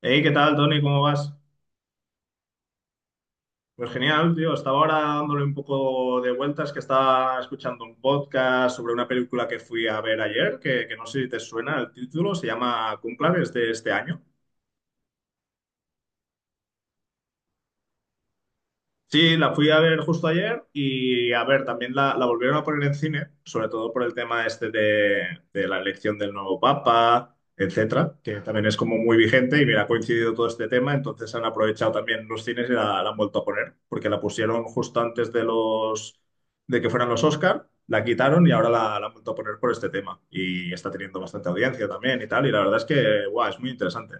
Hey, ¿qué tal, Tony? ¿Cómo vas? Pues genial, tío. Estaba ahora dándole un poco de vueltas que estaba escuchando un podcast sobre una película que fui a ver ayer, que no sé si te suena el título, se llama Cónclave, es de este año. Sí, la fui a ver justo ayer y a ver, también la volvieron a poner en cine, sobre todo por el tema este de la elección del nuevo papa, etcétera, que también es como muy vigente y mira, ha coincidido todo este tema, entonces han aprovechado también los cines y la han vuelto a poner, porque la pusieron justo antes de los de que fueran los Oscar, la quitaron y ahora la han vuelto a poner por este tema y está teniendo bastante audiencia también y tal, y la verdad es que, guau, es muy interesante.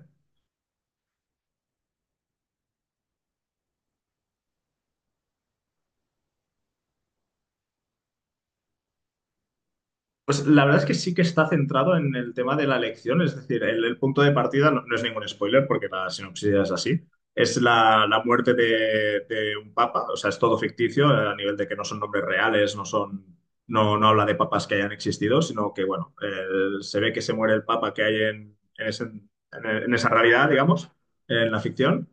Pues la verdad es que sí que está centrado en el tema de la elección, es decir, el punto de partida no, no es ningún spoiler porque la sinopsis ya es así. Es la muerte de un papa, o sea, es todo ficticio a nivel de que no son nombres reales, no son, no habla de papas que hayan existido, sino que, bueno, se ve que se muere el papa que hay en en esa realidad, digamos, en la ficción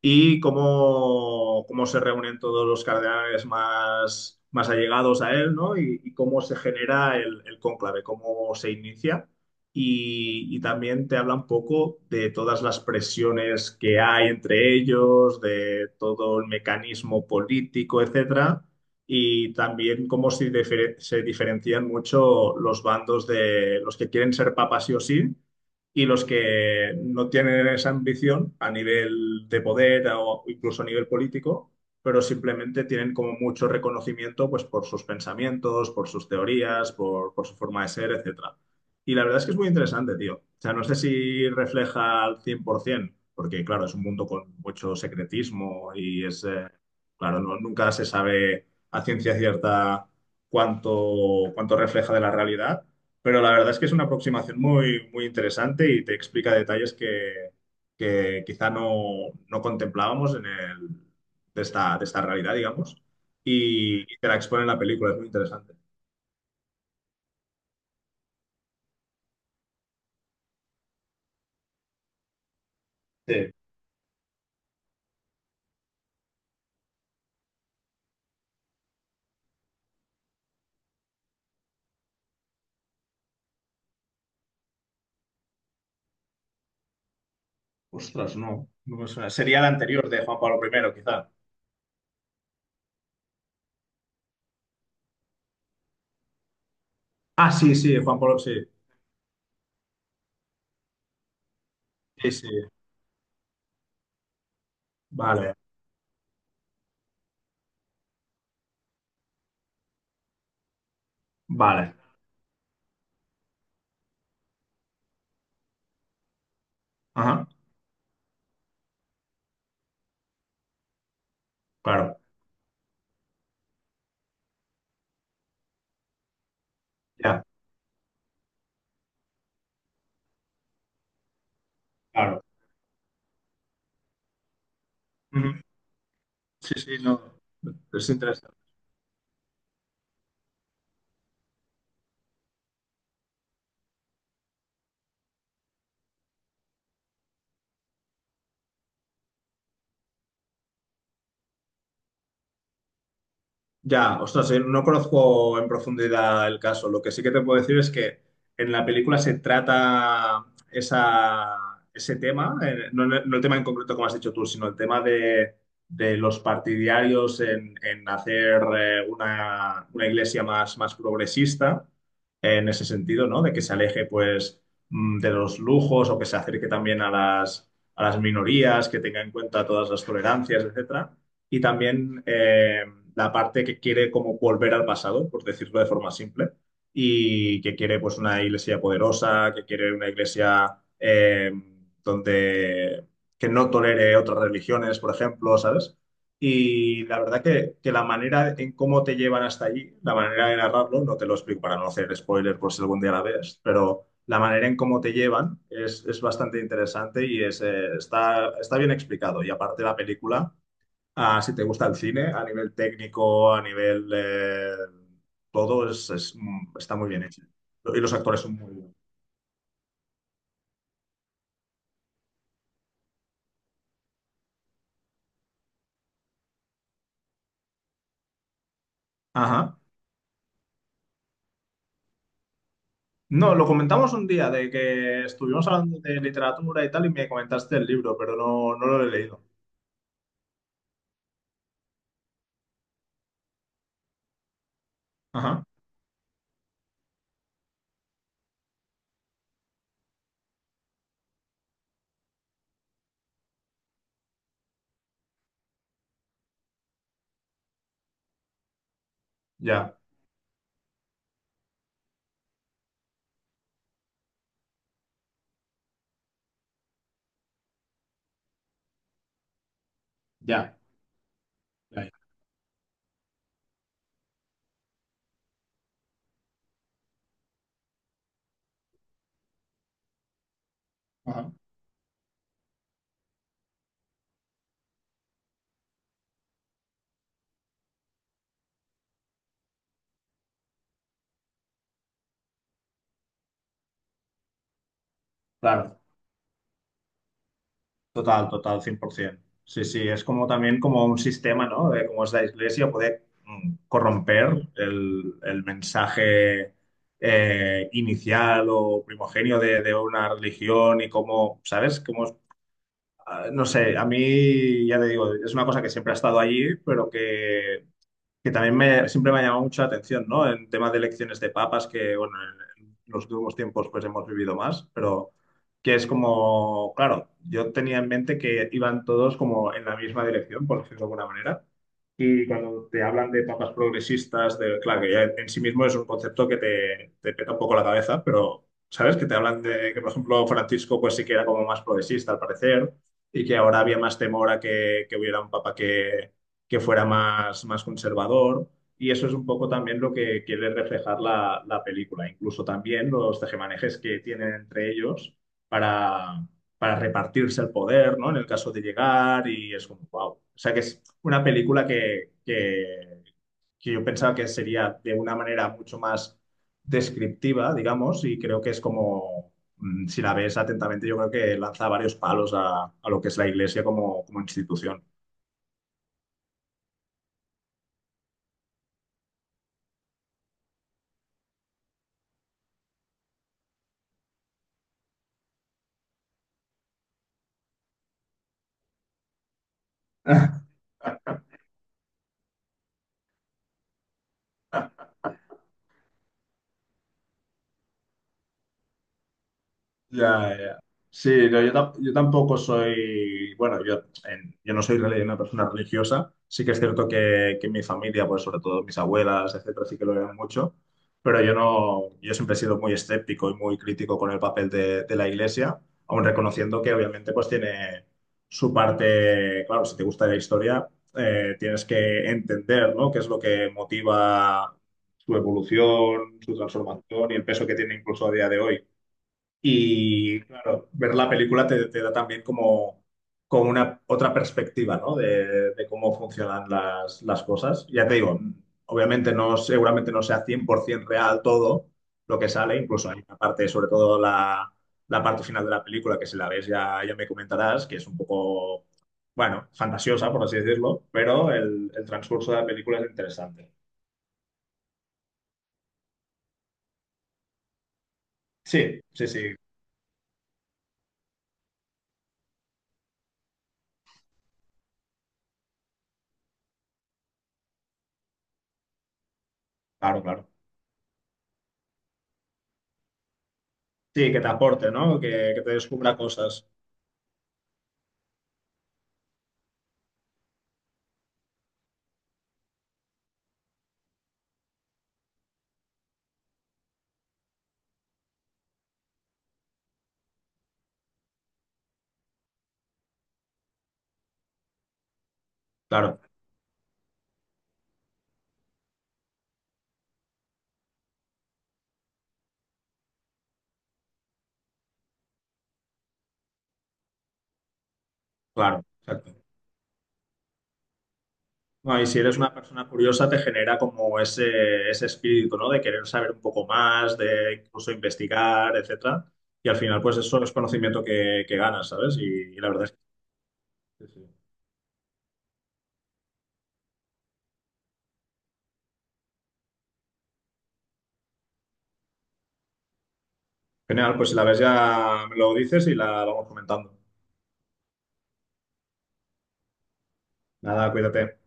y cómo, cómo se reúnen todos los cardenales más, más allegados a él, ¿no? Y cómo se genera el cónclave, cómo se inicia. Y también te habla un poco de todas las presiones que hay entre ellos, de todo el mecanismo político, etcétera. Y también cómo se, se diferencian mucho los bandos de los que quieren ser papas sí o sí y los que no tienen esa ambición a nivel de poder o incluso a nivel político, pero simplemente tienen como mucho reconocimiento pues, por sus pensamientos, por sus teorías, por su forma de ser, etcétera. Y la verdad es que es muy interesante, tío. O sea, no sé si refleja al 100%, porque claro, es un mundo con mucho secretismo y es, claro, nunca se sabe a ciencia cierta cuánto refleja de la realidad, pero la verdad es que es una aproximación muy, muy interesante y te explica detalles que quizá no, no contemplábamos en el, de esta realidad, digamos, y te la expone en la película, es muy interesante. Sí. Ostras, no, no me suena. Sería la anterior de Juan Pablo primero quizá. Ah, sí, sí, Juan Pablo, sí. Sí, sí. Vale, vale. Ajá, claro, ya, claro. Ujú. Sí, sí, no. Es interesante. Ya, ostras, no conozco en profundidad el caso. Lo que sí que te puedo decir es que en la película se trata esa, ese tema, no, no no el tema en concreto como has dicho tú, sino el tema de los partidarios en hacer una iglesia más, más progresista en ese sentido, ¿no? De que se aleje, pues, mm, de los lujos o que se acerque también a las minorías, que tenga en cuenta todas las tolerancias, etcétera y también la parte que quiere como volver al pasado, por decirlo de forma simple, y que quiere pues una iglesia poderosa, que quiere una iglesia donde que no tolere otras religiones, por ejemplo, ¿sabes? Y la verdad que la manera en cómo te llevan hasta allí, la manera de narrarlo, no te lo explico para no hacer spoiler por si algún día la ves, pero la manera en cómo te llevan es bastante interesante y es, está, está bien explicado. Y aparte la película Ah, si te gusta el cine, a nivel técnico, a nivel... todo es, mm, está muy bien hecho. Y los actores son muy buenos. Ajá. No, lo comentamos un día de que estuvimos hablando de literatura y tal y me comentaste el libro, pero no, no lo he leído. Ajá. Ya, ya. Ya, ya. Ajá. Claro. Total, total, 100%. Sí, sí, es como también como un sistema, ¿no? De cómo es la iglesia, puede mm, corromper el mensaje inicial o primogenio de una religión y cómo, ¿sabes? Cómo, ah, no sé, a mí, ya te digo, es una cosa que siempre ha estado allí, pero que también me, siempre me ha llamado mucho la atención, ¿no? En temas de elecciones de papas, que, bueno, en los últimos tiempos pues hemos vivido más, pero que es como, claro, yo tenía en mente que iban todos como en la misma dirección, por decirlo de alguna manera, y cuando te hablan de papas progresistas, de, claro, que ya en sí mismo es un concepto que te peta un poco la cabeza, pero sabes que te hablan de que, por ejemplo, Francisco pues sí que era como más progresista al parecer y que ahora había más temor a que hubiera un papa que fuera más, más conservador. Y eso es un poco también lo que quiere reflejar la, la película, incluso también los tejemanejes que tienen entre ellos para para repartirse el poder, ¿no? En el caso de llegar y es un wow. O sea que es una película que yo pensaba que sería de una manera mucho más descriptiva, digamos, y creo que es como, mm, si la ves atentamente, yo creo que lanza varios palos a lo que es la iglesia como, como institución. Ya, ya. Sí, no, yo, yo tampoco soy, bueno, yo, yo no soy una persona religiosa, sí que es cierto que mi familia, pues sobre todo mis abuelas, etcétera, sí que lo eran mucho, pero yo no, yo siempre he sido muy escéptico y muy crítico con el papel de la iglesia, aun reconociendo que obviamente pues tiene su parte, claro, si te gusta la historia, tienes que entender, ¿no? Qué es lo que motiva su evolución, su transformación y el peso que tiene incluso a día de hoy. Y claro, ver la película te, te da también como, como una otra perspectiva, ¿no? De cómo funcionan las cosas. Ya te digo, obviamente no, seguramente no sea 100% real todo lo que sale, incluso hay una parte, sobre todo la, la parte final de la película, que si la ves ya, ya me comentarás, que es un poco, bueno, fantasiosa, por así decirlo, pero el transcurso de la película es interesante. Sí, sí, sí, claro, claro. Sí, que te aporte, ¿no? Que te descubra cosas. Claro. Claro, exacto. No, y si eres una persona curiosa, te genera como ese espíritu, ¿no? De querer saber un poco más, de incluso investigar, etcétera. Y al final, pues eso es conocimiento que ganas, ¿sabes? Y la verdad es que sí, sí. Genial, pues si la ves ya me lo dices y la vamos comentando. Nada, cuídate.